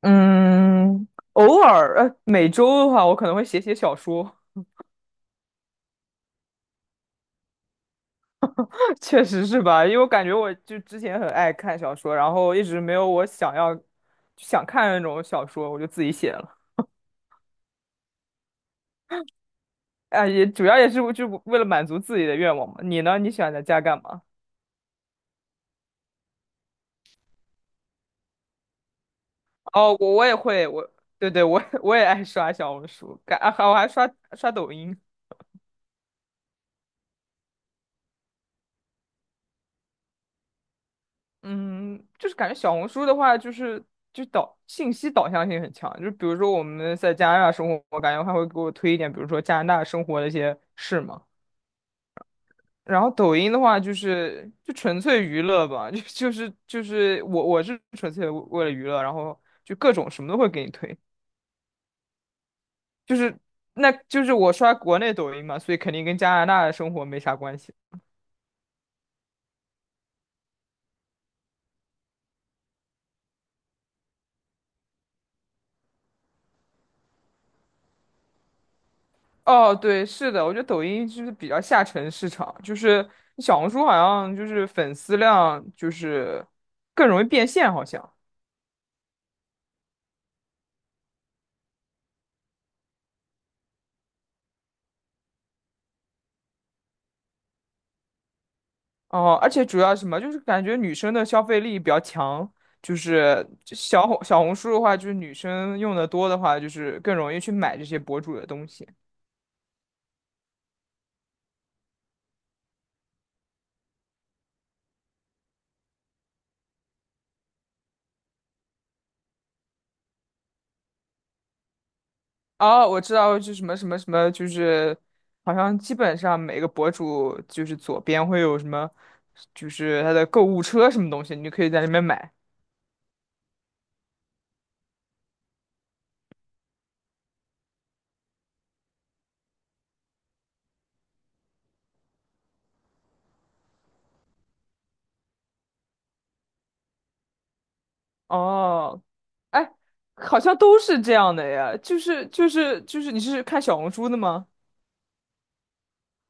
嗯，偶尔，每周的话，我可能会写写小说。确实是吧？因为我感觉我就之前很爱看小说，然后一直没有我想要想看的那种小说，我就自己写了。哎，也主要也是就为了满足自己的愿望嘛。你呢？你喜欢在家干嘛？哦，我也会，我对对，我也 我也爱刷小红书，感啊，我还刷刷抖音。嗯，就是感觉小红书的话，就是就导信息导向性很强。就比如说我们在加拿大生活，我感觉他会给我推一点，比如说加拿大生活的一些事嘛。然后抖音的话，就纯粹娱乐吧，我是纯粹为了娱乐，然后就各种什么都会给你推，就是那就是我刷国内抖音嘛，所以肯定跟加拿大的生活没啥关系。哦，对，是的，我觉得抖音就是比较下沉市场，就是小红书好像就是粉丝量就是更容易变现，好像。哦，而且主要什么就是感觉女生的消费力比较强，就是就小红书的话，就是女生用的多的话，就是更容易去买这些博主的东西。哦，我知道，就什么什么什么，就是好像基本上每个博主就是左边会有什么，就是他的购物车什么东西，你就可以在那边买。哦，哎，好像都是这样的呀，就是，你是看小红书的吗？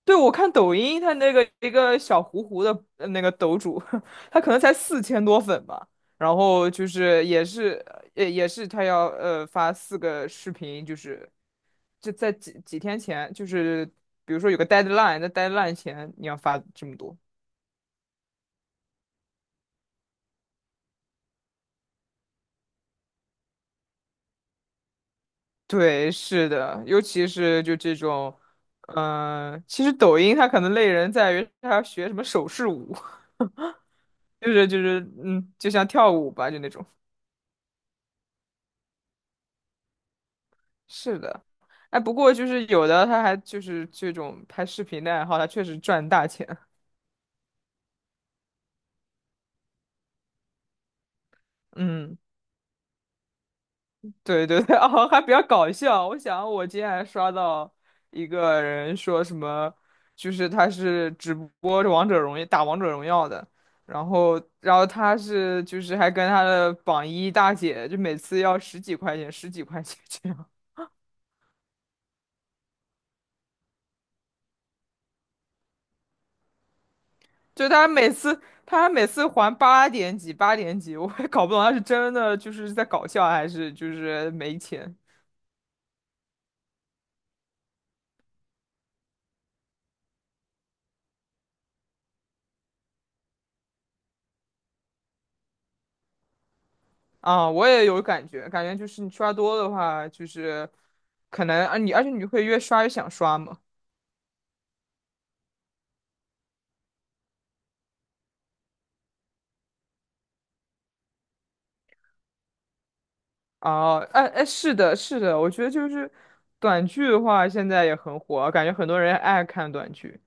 对，我看抖音，他那个一个小糊糊的那个抖主，他可能才4000多粉吧。然后就是也是他要发四个视频，就是就在几天前，就是比如说有个 deadline,在 deadline 前你要发这么多。对，是的，尤其是就这种，其实抖音它可能累人在于它要学什么手势舞。就是就像跳舞吧，就那种。是的，哎，不过就是有的他还就是这种拍视频的爱好，他确实赚大钱。嗯，对对对，哦，还比较搞笑。我想我今天还刷到一个人说什么，就是他是直播王者荣耀打王者荣耀的，然后然后他是就是还跟他的榜一大姐，就每次要十几块钱，十几块钱这样。就他每次还八点几八点几，我也搞不懂他是真的就是在搞笑还是就是没钱啊。我也有感觉，感觉就是你刷多的话，就是可能啊而且你会越刷越想刷嘛。哦，哎哎，是的，是的，我觉得就是短剧的话，现在也很火，感觉很多人爱看短剧。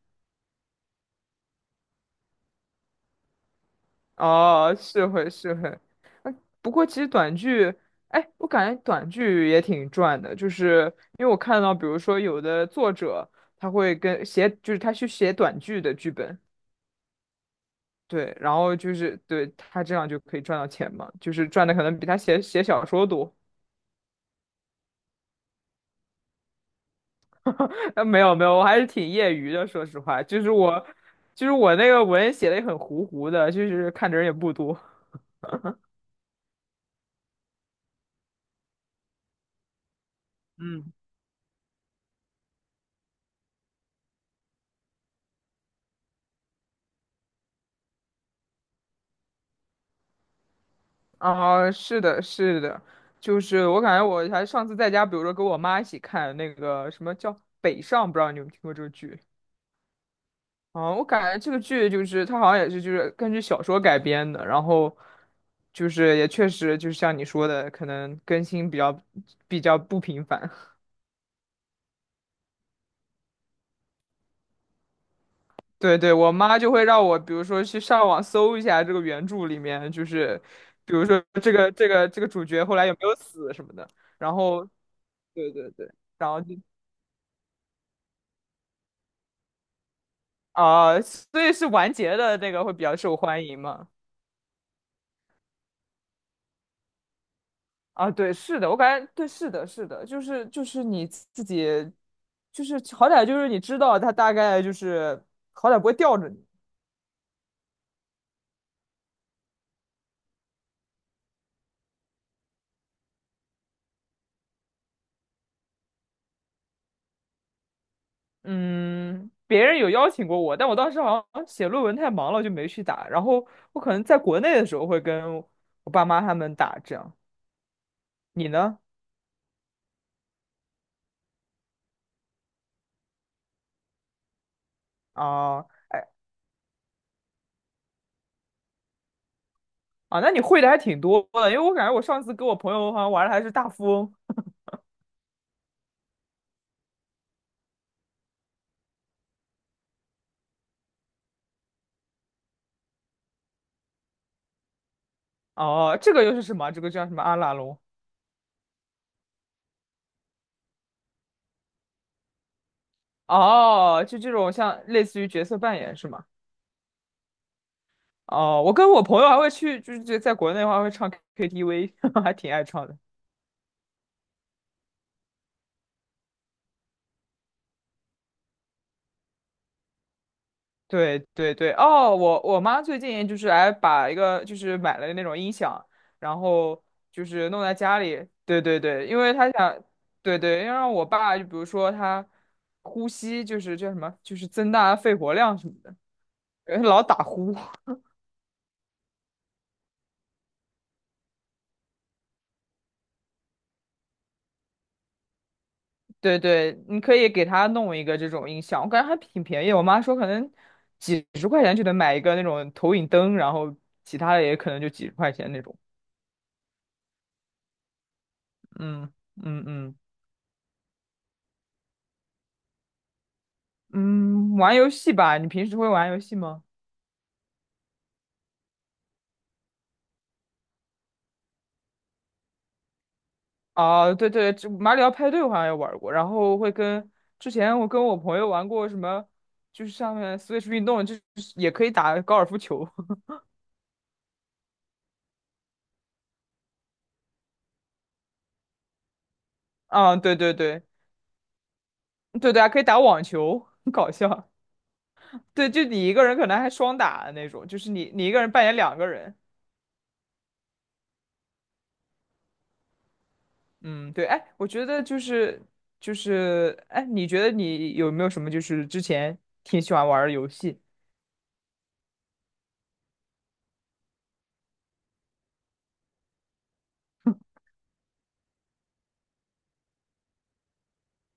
哦，是会是会，不过其实短剧，哎，我感觉短剧也挺赚的，就是因为我看到，比如说有的作者他会跟写，就是他去写短剧的剧本，对，然后就是对他这样就可以赚到钱嘛，就是赚的可能比他写写小说多。没有没有，我还是挺业余的，说实话，就是我，就是我那个文写的也很糊糊的，就是看的人也不多。嗯。啊，是的，是的，就是我感觉我还上次在家，比如说跟我妈一起看那个什么叫《北上》，不知道你有没有听过这个剧啊？我感觉这个剧就是它好像也是就是根据小说改编的，然后就是也确实就是像你说的，可能更新比较不频繁。对对，我妈就会让我比如说去上网搜一下这个原著里面，就是比如说这个主角后来有没有死什么的，然后对对对，然后就。啊，所以是完结的那个会比较受欢迎嘛？啊，对，是的，我感觉对，是的，是的，就是你自己，就是好歹就是你知道他大概就是好歹不会吊着你。嗯，别人有邀请过我，但我当时好像写论文太忙了，就没去打。然后我可能在国内的时候会跟我爸妈他们打，这样。你呢？啊啊，那你会的还挺多的，因为我感觉我上次跟我朋友好像玩的还是大富翁。哦，这个又是什么？这个叫什么阿拉隆？哦，就这种像类似于角色扮演是吗？哦，我跟我朋友还会去，就是在国内的话会唱 KTV,还挺爱唱的。对对对，哦，我妈最近就是还把一个就是买了那种音响，然后就是弄在家里。对对对，因为她想，对对，要让我爸就比如说他呼吸就是叫什么，就是增大肺活量什么的，因为他老打呼。对对，你可以给他弄一个这种音响，我感觉还挺便宜。我妈说可能几十块钱就能买一个那种投影灯，然后其他的也可能就几十块钱那种。嗯嗯嗯嗯，玩游戏吧，你平时会玩游戏吗？哦，对对，这马里奥派对我好像也玩过，然后会跟之前我跟我朋友玩过什么，就是上面 Switch 运动，就是也可以打高尔夫球。啊，对对对对对啊，可以打网球，很搞笑。对，就你一个人可能还双打的那种，就是你一个人扮演两个人。嗯，对，哎，我觉得就是，哎，你觉得你有没有什么就是之前挺喜欢玩儿的游戏？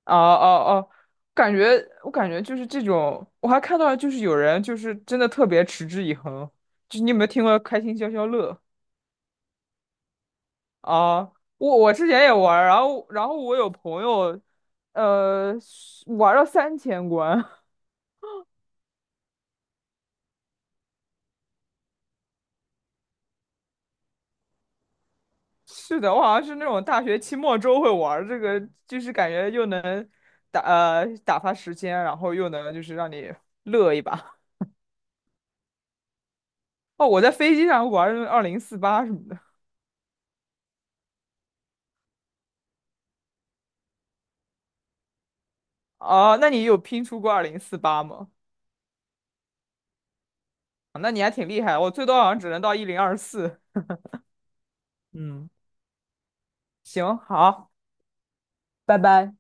哦哦哦，我感觉就是这种，我还看到就是有人就是真的特别持之以恒，就你有没有听过开心消消乐啊？我之前也玩儿然后我有朋友，呃，玩了到3000关。是的，我好像是那种大学期末周会玩儿这个，就是感觉又能打发时间，然后又能就是让你乐一把。哦，我在飞机上玩儿二零四八什么的。哦，那你有拼出过二零四八吗？那你还挺厉害，我最多好像只能到1024。嗯，行，好，拜拜。